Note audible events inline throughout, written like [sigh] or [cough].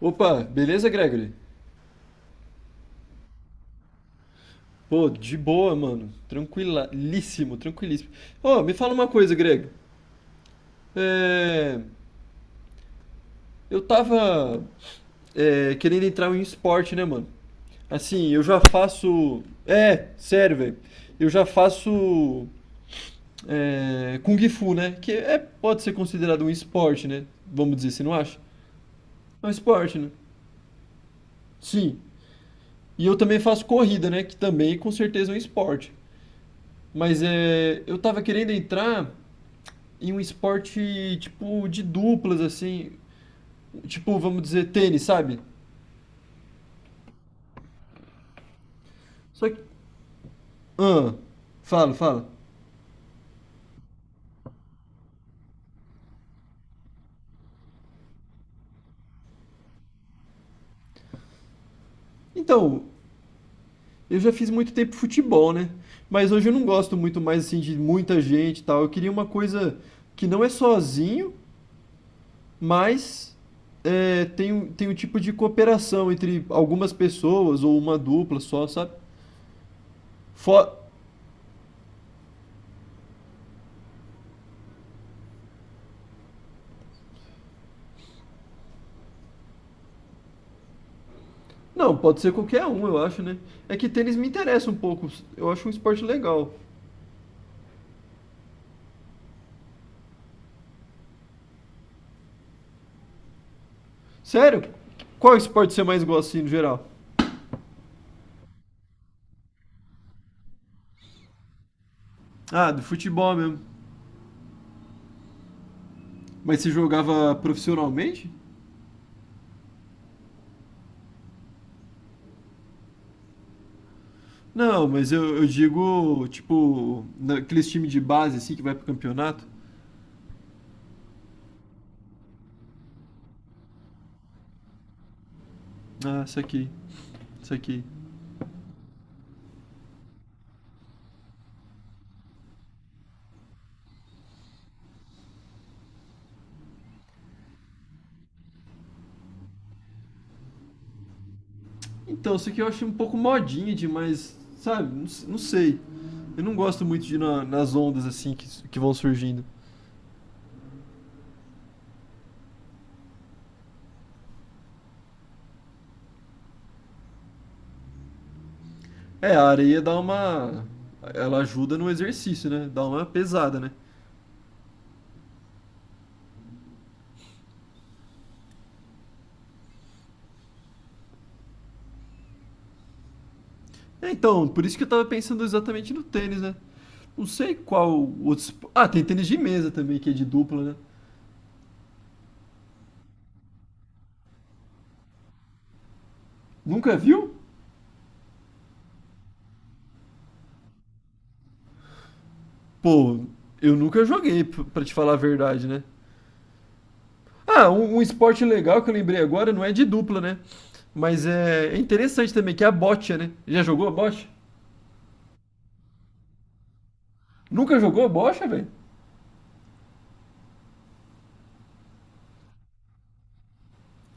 Opa, beleza, Gregory? Pô, de boa, mano. Tranquilíssimo, tranquilíssimo. Ô, me fala uma coisa, Greg. É... Eu tava querendo entrar em esporte, né, mano? Assim, eu já faço. É, sério, velho. Eu já faço. É... Kung Fu, né? Que é, pode ser considerado um esporte, né? Vamos dizer, você não acha? É um esporte, né? Sim. E eu também faço corrida, né? Que também com certeza é um esporte. Mas eu tava querendo entrar em um esporte tipo de duplas, assim. Tipo, vamos dizer, tênis, sabe? Só que. Ah, fala. Então, eu já fiz muito tempo futebol, né? Mas hoje eu não gosto muito mais assim de muita gente e tal. Eu queria uma coisa que não é sozinho, mas tem, tem um tipo de cooperação entre algumas pessoas ou uma dupla só, sabe? Fo- Não, pode ser qualquer um, eu acho, né? É que tênis me interessa um pouco. Eu acho um esporte legal. Sério? Qual esporte você mais gosta, assim, no geral? Ah, do futebol mesmo. Mas você jogava profissionalmente? Não, mas eu digo, tipo, naqueles times de base, assim, que vai pro campeonato. Ah, isso aqui. Então, isso aqui eu acho um pouco modinha demais, sabe? Não, não sei. Eu não gosto muito de ir nas ondas, assim, que, que vão surgindo. É, a areia dá uma... Ela ajuda no exercício, né? Dá uma pesada, né? É, então, por isso que eu tava pensando exatamente no tênis, né? Não sei qual outro. Ah, tem tênis de mesa também, que é de dupla, né? Nunca viu? Pô, eu nunca joguei, pra te falar a verdade, né? Ah, um esporte legal que eu lembrei agora não é de dupla, né? Mas é interessante também, que é a bocha, né? Já jogou a bocha? Nunca jogou a bocha, velho?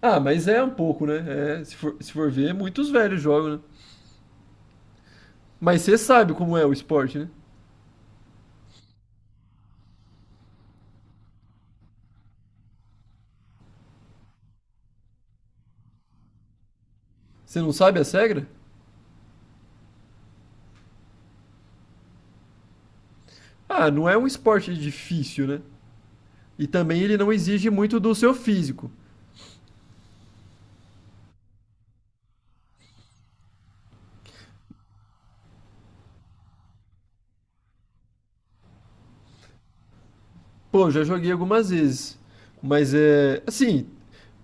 Ah, mas é um pouco, né? É, se for ver, muitos velhos jogam, né? Mas você sabe como é o esporte, né? Você não sabe as regras? Ah, não é um esporte difícil, né? E também ele não exige muito do seu físico. Pô, já joguei algumas vezes. Mas é. Assim,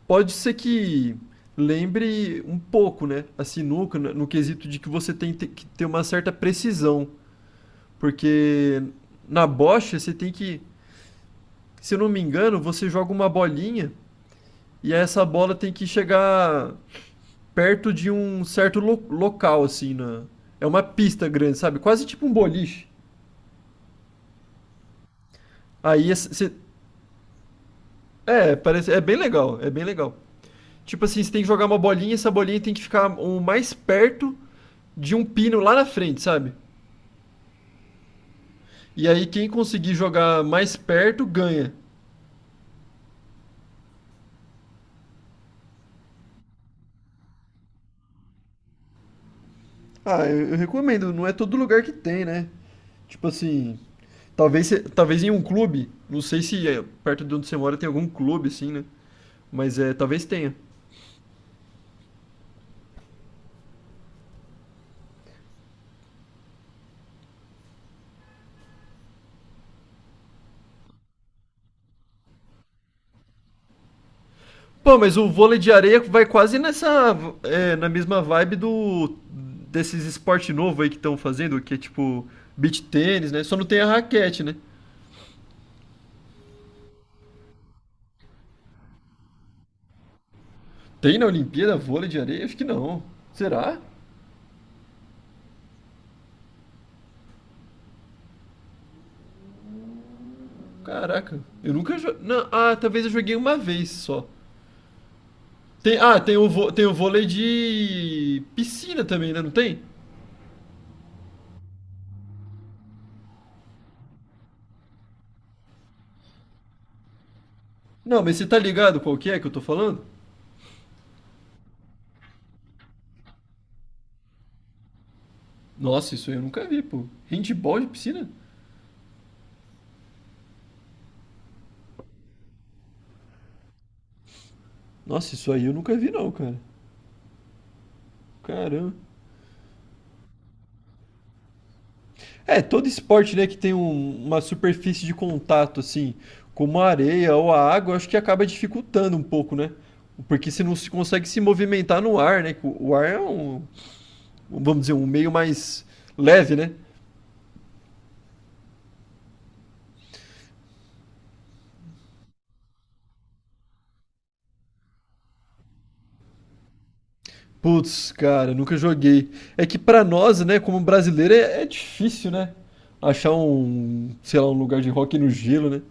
pode ser que lembre um pouco, né? A sinuca, no quesito de que você tem que ter uma certa precisão. Porque na bocha você tem que. Se eu não me engano, você joga uma bolinha e essa bola tem que chegar perto de um certo local, assim, na. É uma pista grande, sabe? Quase tipo um boliche. Aí esse- É, parece, é bem legal, é bem legal. Tipo assim, você tem que jogar uma bolinha e essa bolinha tem que ficar o mais perto de um pino lá na frente, sabe? E aí quem conseguir jogar mais perto ganha. Ah, eu recomendo, não é todo lugar que tem, né? Tipo assim, talvez, talvez em um clube, não sei se é, perto de onde você mora tem algum clube assim, né? Mas talvez tenha. Pô, mas o vôlei de areia vai quase nessa. Na mesma vibe do. Desses esporte novo aí que estão fazendo, que é tipo beach tênis, né? Só não tem a raquete, né? Tem na Olimpíada vôlei de areia? Acho que não. Será? Caraca, eu nunca jo... não, ah, talvez eu joguei uma vez só. Tem, ah, tem tem o vôlei de piscina também, né? Não tem? Não, mas você tá ligado qual que é que eu tô falando? Nossa, isso aí eu nunca vi, pô. Handball de piscina? Nossa, isso aí eu nunca vi não, cara. Caramba. É, todo esporte, né, que tem uma superfície de contato, assim, como a areia ou a água, acho que acaba dificultando um pouco, né? Porque você não se consegue se movimentar no ar, né? que O ar é um, vamos dizer, um meio mais leve, né? Putz, cara, nunca joguei. É que pra nós, né, como brasileiro, é difícil, né? Achar um, sei lá, um lugar de rock no gelo, né?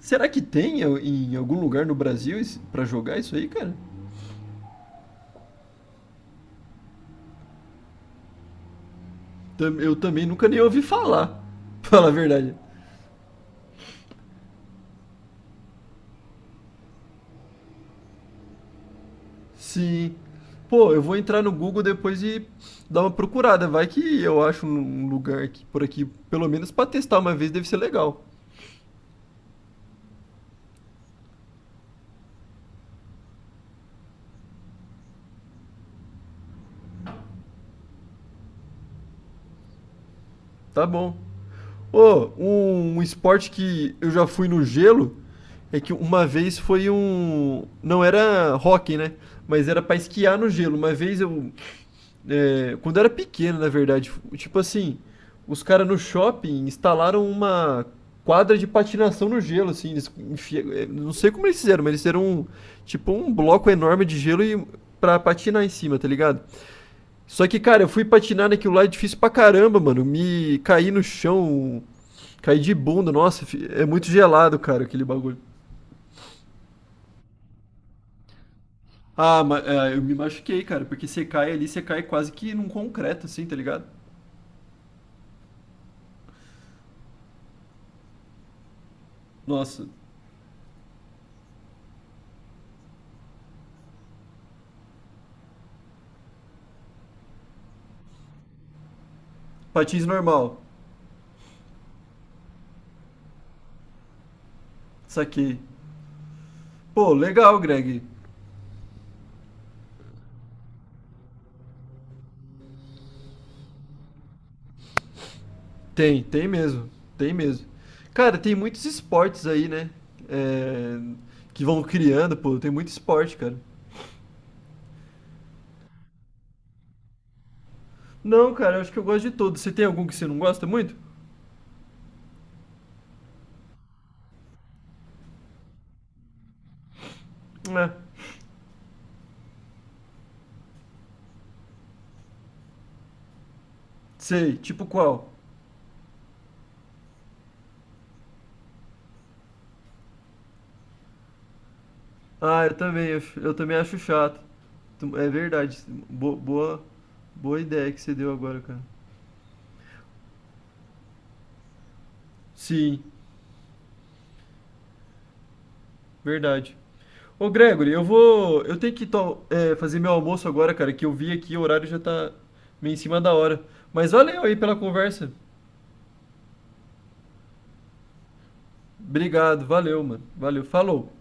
Será que tem em algum lugar no Brasil esse- pra jogar isso aí, cara? Eu também nunca nem ouvi falar, [laughs] fala a verdade. Sim. Pô, eu vou entrar no Google depois e dar uma procurada. Vai que eu acho um lugar aqui por aqui, pelo menos pra testar uma vez, deve ser legal. Tá bom. Ô, um esporte que eu já fui no gelo é que uma vez foi um. Não era hockey, né? Mas era pra esquiar no gelo. Uma vez eu. Quando eu era pequeno, na verdade. Tipo assim, os caras no shopping instalaram uma quadra de patinação no gelo, assim. É, não sei como eles fizeram, mas eles fizeram um, tipo um bloco enorme de gelo e, pra patinar em cima, tá ligado? Só que, cara, eu fui patinar naquilo lá, é difícil pra caramba, mano. Me caí no chão, caí de bunda. Nossa, é muito gelado, cara, aquele bagulho. Ah, mas eu me machuquei, cara, porque você cai ali, você cai quase que num concreto, assim, tá ligado? Nossa, patins normal, saquei. Pô, legal, Greg. Tem, tem mesmo. Cara, tem muitos esportes aí, né? É, que vão criando, pô, tem muito esporte, cara. Não, cara, eu acho que eu gosto de todos. Você tem algum que você não gosta muito? É. Sei, tipo qual? Ah, eu também acho chato. É verdade. Bo- boa, boa ideia que você deu agora, cara. Sim, verdade. Ô Gregory, eu vou. Eu tenho que fazer meu almoço agora, cara, que eu vi aqui, o horário já tá meio em cima da hora. Mas valeu aí pela conversa. Obrigado, valeu, mano. Valeu, falou.